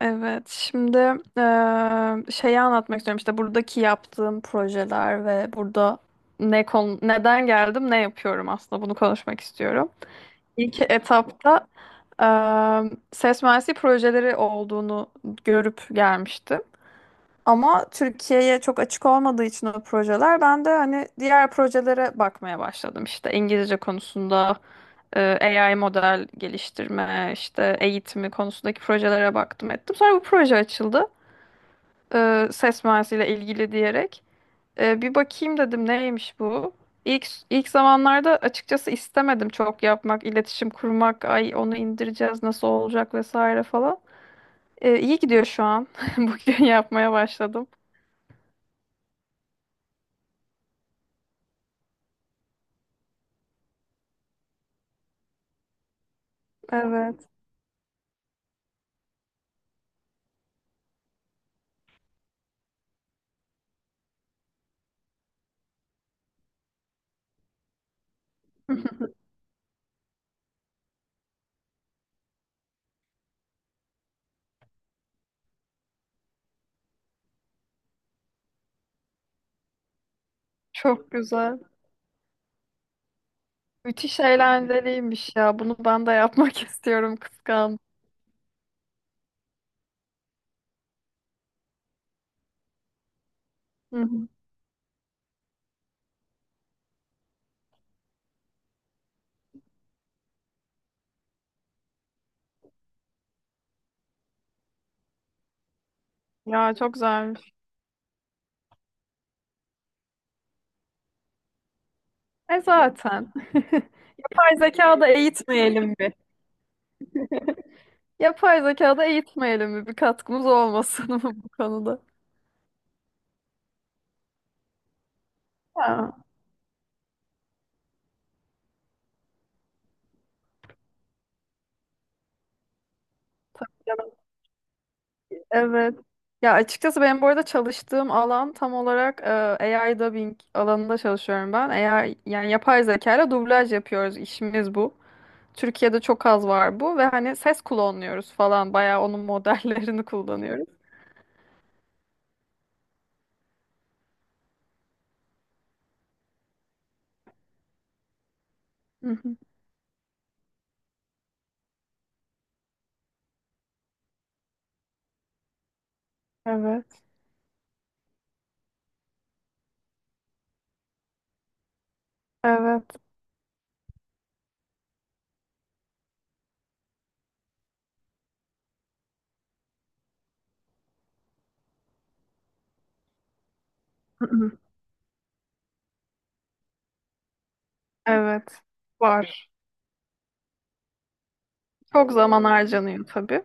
Evet, şimdi şeyi anlatmak istiyorum. İşte buradaki yaptığım projeler ve burada ne konu, neden geldim, ne yapıyorum aslında bunu konuşmak istiyorum. İlk etapta ses mühendisliği projeleri olduğunu görüp gelmiştim. Ama Türkiye'ye çok açık olmadığı için o projeler ben de hani diğer projelere bakmaya başladım. İşte İngilizce konusunda e, AI model geliştirme, işte eğitimi konusundaki projelere baktım ettim. Sonra bu proje açıldı, ses mühendisiyle ilgili diyerek, bir bakayım dedim neymiş bu. İlk zamanlarda açıkçası istemedim çok yapmak, iletişim kurmak, ay onu indireceğiz nasıl olacak vesaire falan. İyi gidiyor şu an. Bugün yapmaya başladım. Evet. Çok güzel. Müthiş eğlenceliymiş ya. Bunu ben de yapmak istiyorum kıskandım. Hı hı. Ya çok güzelmiş. E zaten. Yapay zeka da eğitmeyelim bir. Yapay zekada eğitmeyelim mi? Bir katkımız olmasın mı bu konuda? Ha, ya- evet. Ya açıkçası benim bu arada çalıştığım alan tam olarak AI dubbing alanında çalışıyorum ben. Eğer yani yapay zeka ile dublaj yapıyoruz işimiz bu. Türkiye'de çok az var bu ve hani ses klonluyoruz falan bayağı onun modellerini kullanıyoruz. Hı hı. Evet. Evet. Hı hı. Evet. Var. Çok zaman harcanıyor tabii.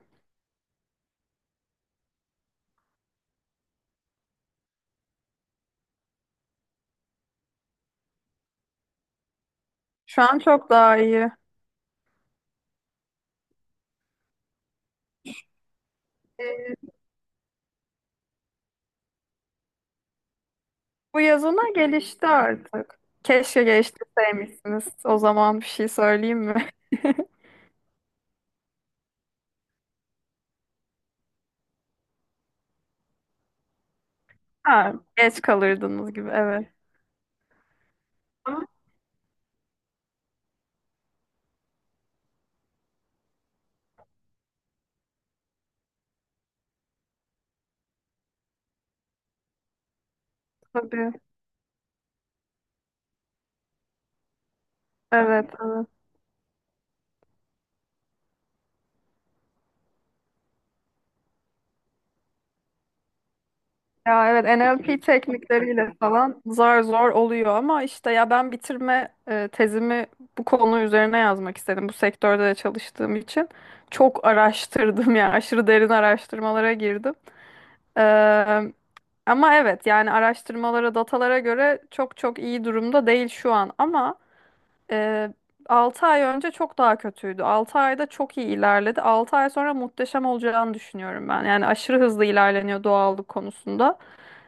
Şu an çok daha iyi. Bu yazına gelişti artık. Keşke geliştirseymişsiniz. O zaman bir şey söyleyeyim mi? Ha, geç kalırdınız gibi. Evet. Ama tabii. Evet, evet. Ya evet NLP teknikleriyle falan zar zor oluyor ama işte ya ben bitirme tezimi bu konu üzerine yazmak istedim. Bu sektörde de çalıştığım için çok araştırdım yani aşırı derin araştırmalara girdim. Eee, ama evet yani araştırmalara, datalara göre çok çok iyi durumda değil şu an ama Ee, 6 ay önce çok daha kötüydü. 6 ayda çok iyi ilerledi. 6 ay sonra muhteşem olacağını düşünüyorum ben. Yani aşırı hızlı ilerleniyor doğallık konusunda.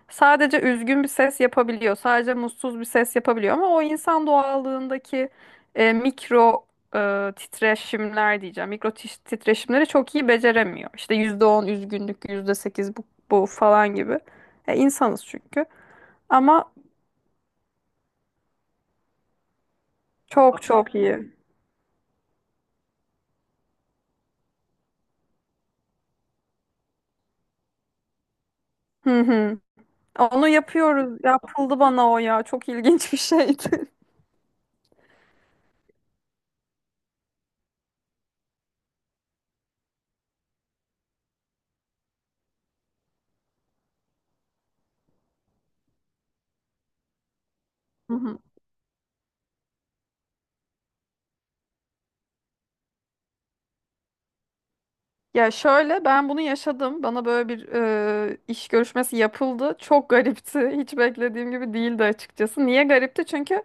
Sadece üzgün bir ses yapabiliyor. Sadece mutsuz bir ses yapabiliyor. Ama o insan doğallığındaki mikro titreşimler diyeceğim. Mikro titreşimleri çok iyi beceremiyor. İşte %10 üzgünlük, %8 bu, bu falan gibi. İnsanız çünkü. Ama çok çok iyi. Hı hı. Onu yapıyoruz. Yapıldı bana o ya. Çok ilginç bir şeydi. Hı hı. Ya şöyle ben bunu yaşadım. Bana böyle bir iş görüşmesi yapıldı. Çok garipti. Hiç beklediğim gibi değildi açıkçası. Niye garipti? Çünkü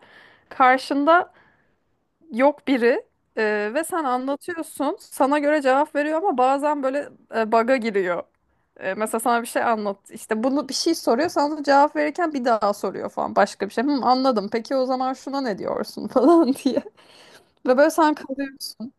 karşında yok biri, ve sen anlatıyorsun. Sana göre cevap veriyor ama bazen böyle bug'a giriyor. Mesela sana bir şey anlat. İşte bunu bir şey soruyor. Sana da cevap verirken bir daha soruyor falan başka bir şey. Hı, anladım. Peki o zaman şuna ne diyorsun falan diye. Ve böyle sen kalıyorsun.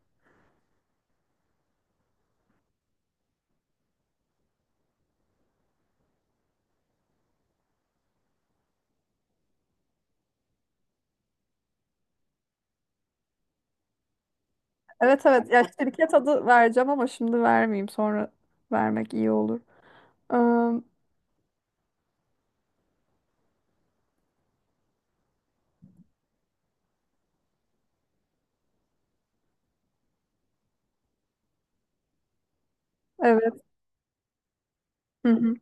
Evet, evet. Ya şirket adı vereceğim ama şimdi vermeyeyim. Sonra vermek iyi olur. Eee, evet. Hı hı.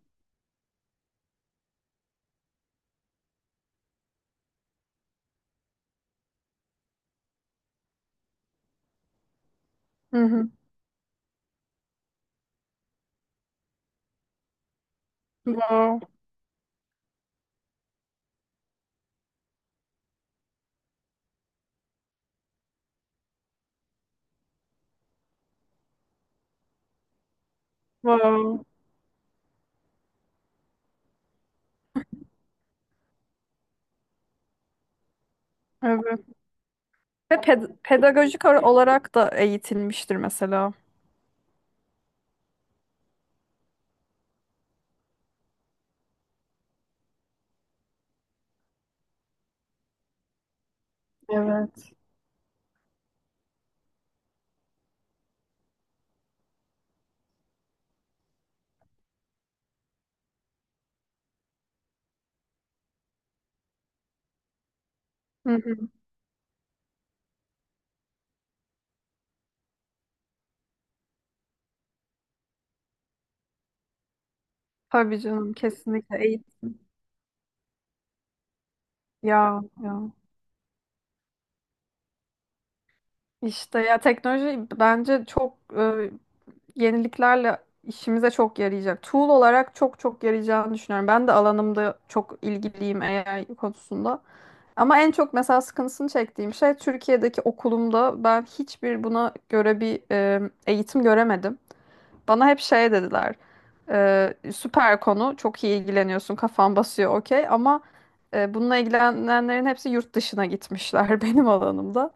Hı hı. Wow. Wow. Evet. Ve pedagojik olarak da eğitilmiştir mesela. Evet. Hı hı. Tabii canım, kesinlikle eğit. Ya ya. İşte ya teknoloji bence çok yeniliklerle işimize çok yarayacak. Tool olarak çok çok yarayacağını düşünüyorum. Ben de alanımda çok ilgiliyim AI konusunda. Ama en çok mesela sıkıntısını çektiğim şey Türkiye'deki okulumda ben hiçbir buna göre bir eğitim göremedim. Bana hep şey dediler. Süper konu. Çok iyi ilgileniyorsun. Kafan basıyor okey. Ama bununla ilgilenenlerin hepsi yurt dışına gitmişler benim alanımda.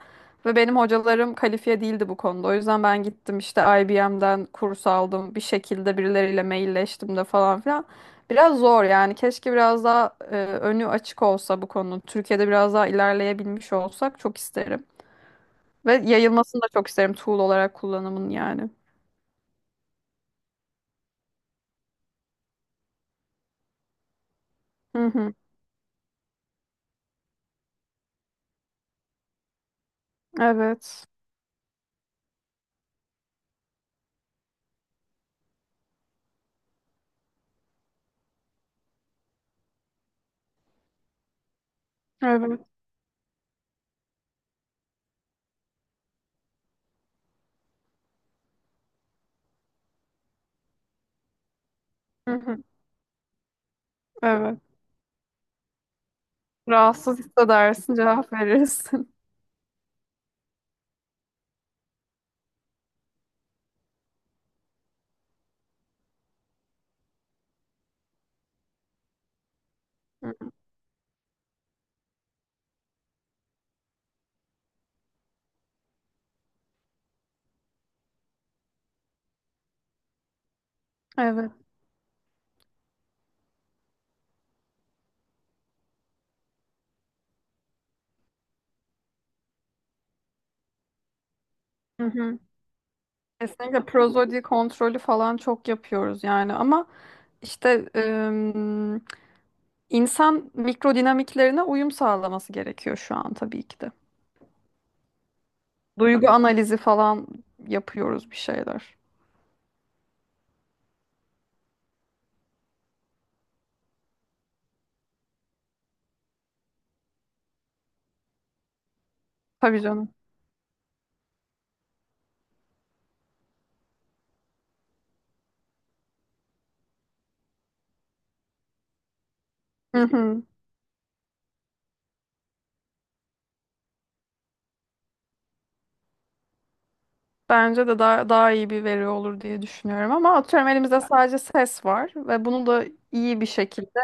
Ve benim hocalarım kalifiye değildi bu konuda. O yüzden ben gittim işte IBM'den kurs aldım. Bir şekilde birileriyle mailleştim de falan filan. Biraz zor yani. Keşke biraz daha önü açık olsa bu konunun. Türkiye'de biraz daha ilerleyebilmiş olsak çok isterim. Ve yayılmasını da çok isterim tool olarak kullanımın yani. Hı hı. Evet. Evet. Hı hı. Evet. Rahatsız hissedersin, cevap verirsin. Evet. Hı hı. Kesinlikle prozodi kontrolü falan çok yapıyoruz yani ama işte insan mikrodinamiklerine uyum sağlaması gerekiyor şu an tabii ki de. Duygu analizi falan yapıyoruz bir şeyler. Tabii canım. Hı hı. Bence de daha iyi bir veri olur diye düşünüyorum ama atıyorum elimizde sadece ses var ve bunu da iyi bir şekilde.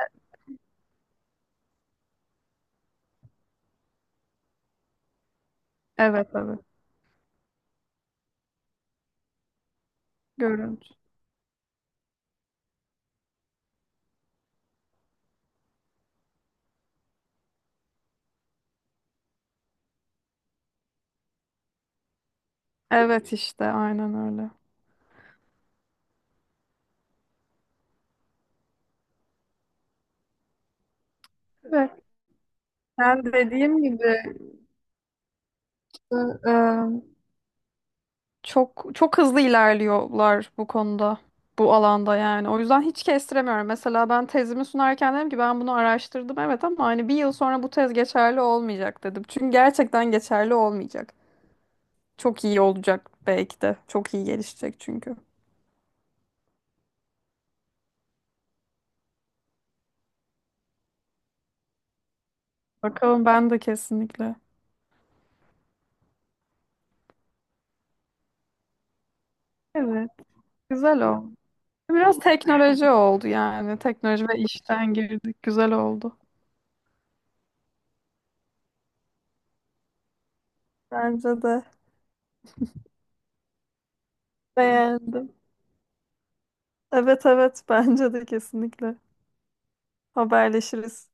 Evet, evet. Görüntü. Evet işte aynen öyle. Evet. Ben dediğim gibi e, e, çok çok hızlı ilerliyorlar bu konuda, bu alanda yani. O yüzden hiç kestiremiyorum. Mesela ben tezimi sunarken dedim ki ben bunu araştırdım evet, ama hani 1 yıl sonra bu tez geçerli olmayacak dedim. Çünkü gerçekten geçerli olmayacak. Çok iyi olacak belki de. Çok iyi gelişecek çünkü. Bakalım, ben de kesinlikle. Evet, güzel o. Biraz teknoloji oldu yani. Teknoloji ve işten girdik. Güzel oldu. Bence de beğendim. Evet, evet, bence de kesinlikle. Haberleşiriz.